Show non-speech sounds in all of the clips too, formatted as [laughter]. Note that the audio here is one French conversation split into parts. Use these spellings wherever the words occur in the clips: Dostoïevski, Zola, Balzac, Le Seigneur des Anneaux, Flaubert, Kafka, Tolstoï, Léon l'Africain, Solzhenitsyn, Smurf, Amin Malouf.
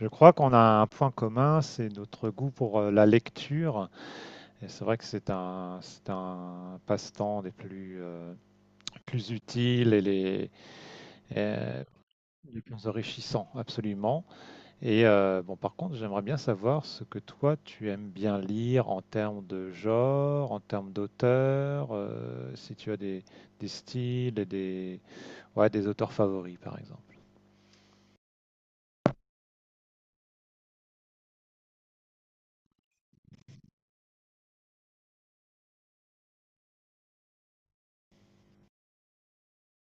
Je crois qu'on a un point commun, c'est notre goût pour la lecture. Et c'est vrai que c'est un passe-temps des plus, plus utiles et euh, les plus enrichissants, absolument. Et bon, par contre, j'aimerais bien savoir ce que toi, tu aimes bien lire en termes de genre, en termes d'auteur, si tu as des styles et ouais, des auteurs favoris, par exemple.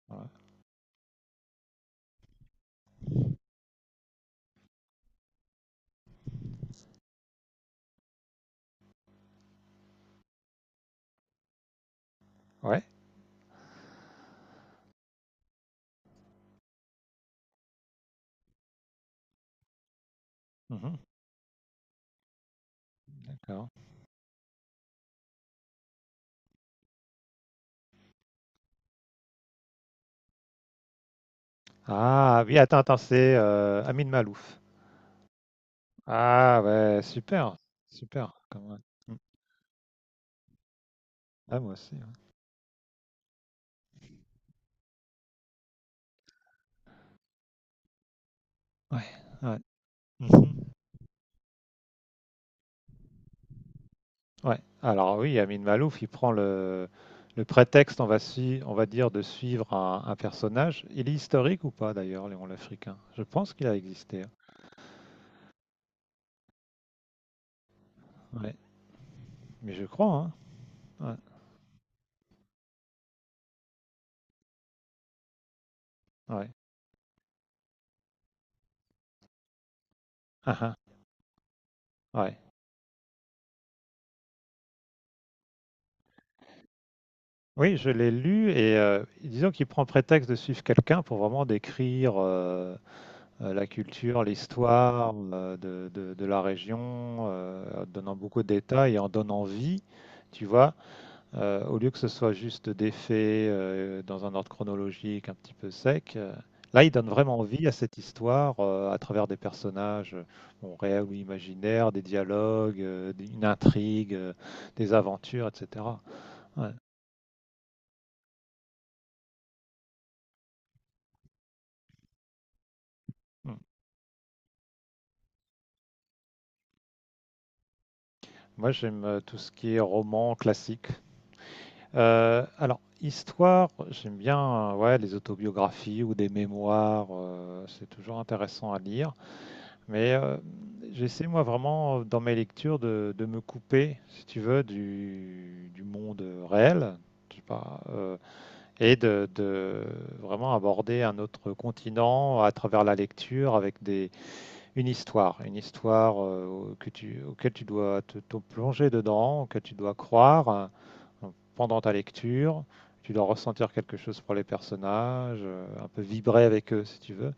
Ouais. Ouais. Mhm. D'accord. Ah oui, attends, attends, c'est Amin Malouf. Ah ouais, super, super, quand même. Mm. Ah moi aussi. Ouais, ouais, ouais. Mhm. Ouais. Alors oui, Amin Malouf, il prend le prétexte, on va dire, de suivre un personnage. Il est historique ou pas d'ailleurs, Léon l'Africain? Je pense qu'il a existé, hein. Ouais. Mais je crois, hein. Ouais. Ouais. Ah, ah. Ouais. Oui, je l'ai lu et disons qu'il prend prétexte de suivre quelqu'un pour vraiment décrire la culture, l'histoire de, de la région, en donnant beaucoup de détails et en donnant vie, tu vois, au lieu que ce soit juste des faits dans un ordre chronologique un petit peu sec. Là, il donne vraiment vie à cette histoire à travers des personnages bon, réels ou imaginaires, des dialogues, une intrigue, des aventures, etc. Ouais. Mm. Moi, j'aime tout ce qui est roman classique, alors, histoire, j'aime bien ouais, les autobiographies ou des mémoires, c'est toujours intéressant à lire. Mais j'essaie, moi, vraiment, dans mes lectures, de me couper, si tu veux, du monde réel, je sais pas, et de vraiment aborder un autre continent à travers la lecture avec une histoire auquel tu dois te plonger dedans, que tu dois croire euh, pendant ta lecture. Tu dois ressentir quelque chose pour les personnages, un peu vibrer avec eux si tu veux.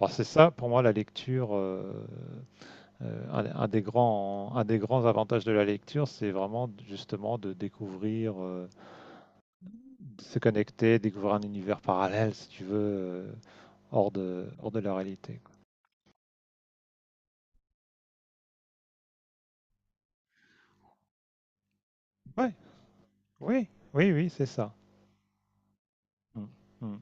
Alors c'est ça pour moi la lecture, un des grands, avantages de la lecture, c'est vraiment justement de découvrir, de se connecter, découvrir un univers parallèle si tu veux, hors de la réalité, quoi. Ouais, oui, oui, oui, c'est ça. Mmh, mmh.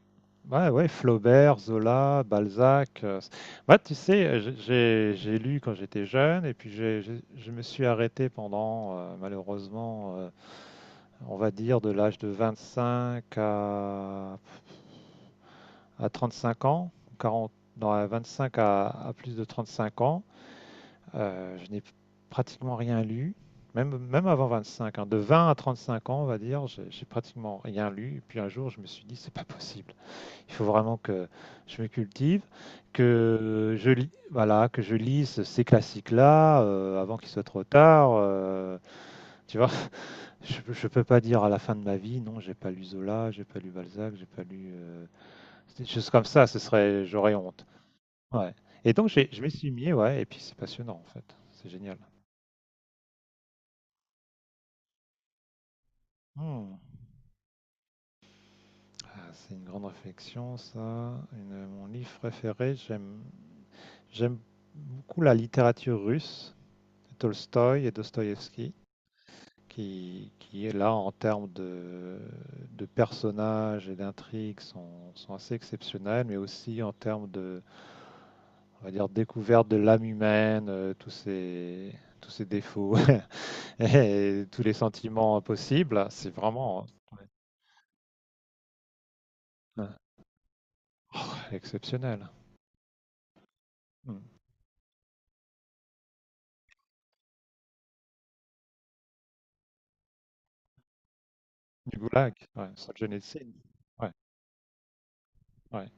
Ouais, ouais, Flaubert, Zola, Balzac. Moi, tu sais, j'ai lu quand j'étais jeune et puis je me suis arrêté pendant, malheureusement, on va dire de l'âge de 25 à 35 ans, 40, non, à 25 à plus de 35 ans. Je n'ai pratiquement rien lu, même, même avant 25, hein, de 20 à 35 ans, on va dire, j'ai pratiquement rien lu. Et puis un jour, je me suis dit, c'est pas possible. Il faut vraiment que je me cultive, que je lis, voilà, que je lise ces classiques-là avant qu'il soit trop tard, tu vois, [laughs] je peux pas dire à la fin de ma vie, non, j'ai pas lu Zola, j'ai pas lu Balzac, j'ai pas lu des choses comme ça. Ce serait, j'aurais honte. Ouais. Et donc je m'y suis mis, ouais. Et puis c'est passionnant en fait. C'est génial. Hmm. Ah, c'est une grande réflexion, ça. Mon livre préféré, j'aime beaucoup la littérature russe, Tolstoï et Dostoïevski. Qui est là en termes de personnages et d'intrigues sont, sont assez exceptionnels, mais aussi en termes de, on va dire, découverte de l'âme humaine, tous ces défauts [laughs] et tous les sentiments possibles. C'est vraiment euh, oh, exceptionnel. Mm. Du Goulag, ouais, Solzhenitsyn, ouais, ouais,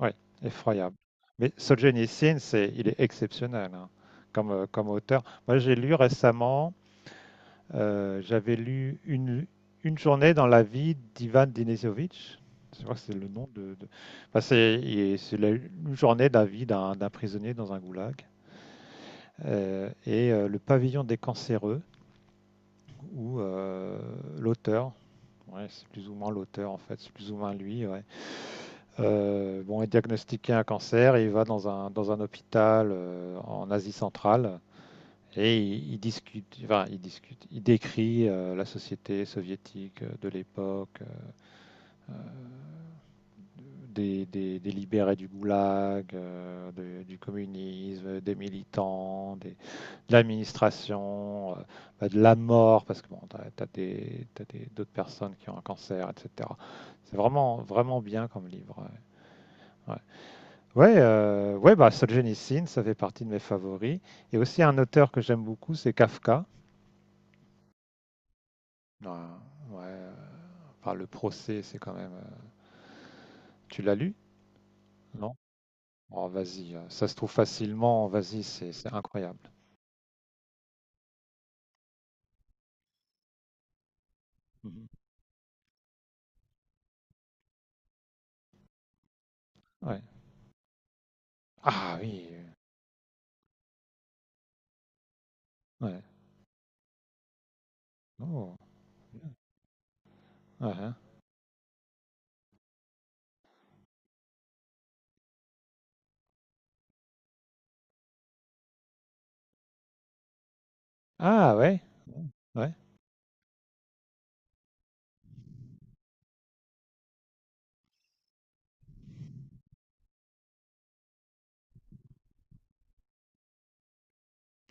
ouais, effroyable. Mais Solzhenitsyn, il est exceptionnel, hein, comme auteur. Moi, j'ai lu récemment j'avais lu Une journée dans la vie d'Ivan Denisovic. Je crois que c'est le nom de. Enfin, c'est une journée de la vie d'un prisonnier dans un goulag. Et le pavillon des cancéreux, où l'auteur, ouais, c'est plus ou moins l'auteur en fait, c'est plus ou moins lui, ouais, bon, est diagnostiqué un cancer et il va dans dans un hôpital en Asie centrale. Et il discute, enfin, il discute, il décrit la société soviétique de l'époque, euh, des libérés du goulag, du communisme, des militants, de l'administration, bah, de la mort, parce que bon, t'as, as des, t'as des- d'autres personnes qui ont un cancer, etc. C'est vraiment, vraiment bien comme livre. Ouais, ouais. Ouais, ouais, bah Solzhenitsyn, ça fait partie de mes favoris. Et aussi un auteur que j'aime beaucoup, c'est Kafka. Ah, ouais, enfin Le Procès, c'est quand même, tu l'as lu? Non? Oh vas-y, ça se trouve facilement, vas-y, c'est incroyable. Mmh. Ouais. Ah oui, ouais. Oh! Hein, hein. Ah ouais? Mmh. Ouais.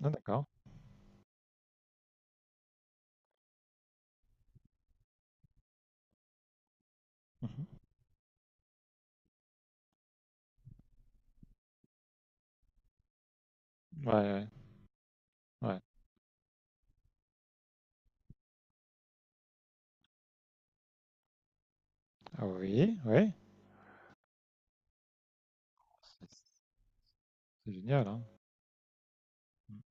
Ah d'accord. Mmh, mh. Ouais, ouais, ouais. Ah oui, oui. C'est c'est génial, hein. Mmh.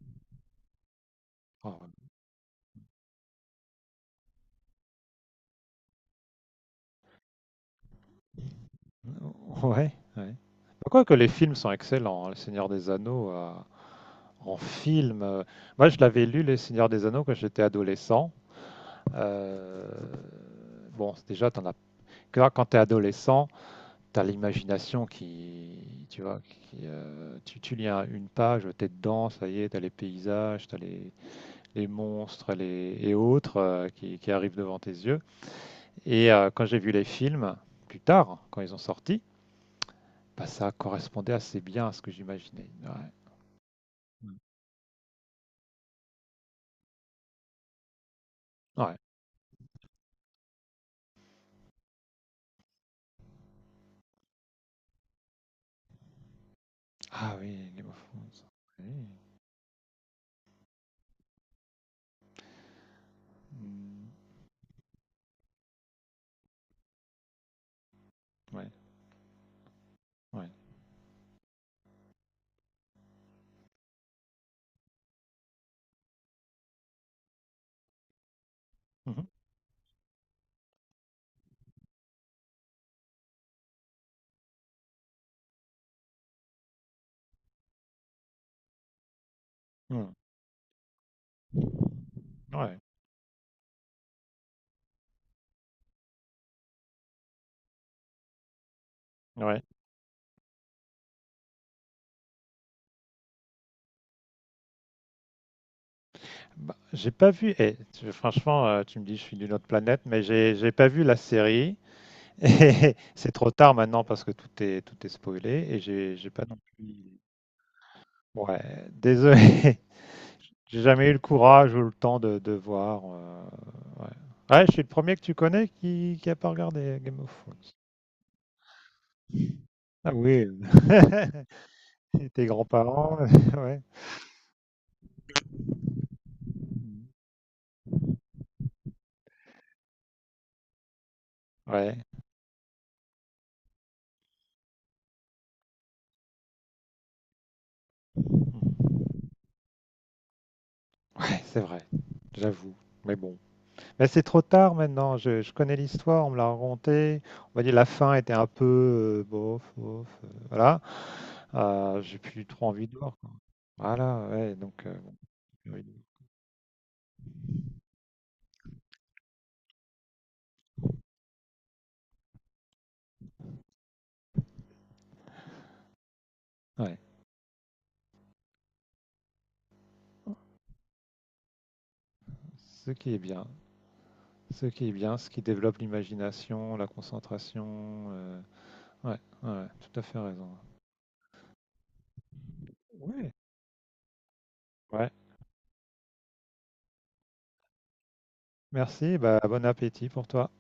Oh ouais, ouais. Bah, quoique les films sont excellents, hein, Le Seigneur des Anneaux, en film, moi je l'avais lu, Les Seigneurs des Anneaux, quand j'étais adolescent. Euh, bon, déjà, t'en as. Quand tu es adolescent, tu as l'imagination qui. Tu vois, qui, tu lis une page, tu es dedans, ça y est, tu as les paysages, tu as les monstres les, et autres qui arrivent devant tes yeux. Et quand j'ai vu les films, plus tard, quand ils ont sorti, bah, ça correspondait assez bien à ce que j'imaginais. Ouais. Mm. Ouais. Ah oui, Game of Thrones. Oui. Mm. Ouais. Ouais. Mhm. Mm. Ouais. Ouais. Bah, j'ai pas vu. Franchement, tu me dis je suis d'une autre planète, mais j'ai pas vu la série. [laughs] Et c'est trop tard maintenant parce que tout est spoilé et j'ai pas non plus. Ouais, désolé. [laughs] J'ai jamais eu le courage ou le temps de voir. Ouais. Ouais, je suis le premier que tu connais qui a pas regardé Game of Thrones. Ah oui. [laughs] Et tes grands-parents. [laughs] Ouais. Ouais. Ouais, c'est vrai. J'avoue. Mais bon. Là, c'est trop tard maintenant. Je connais l'histoire, on me l'a racontée. On va dire la fin était un peu bof, bof. Voilà. J'ai plus trop envie de voir, quoi. Voilà, ouais. Donc, bon, plus envie de voir. Ouais. Ce qui est bien, ce qui est bien, ce qui développe l'imagination, la concentration. Ouais, ouais, ouais, tout à fait raison. Ouais. Ouais. Merci. Bah, bon appétit pour toi.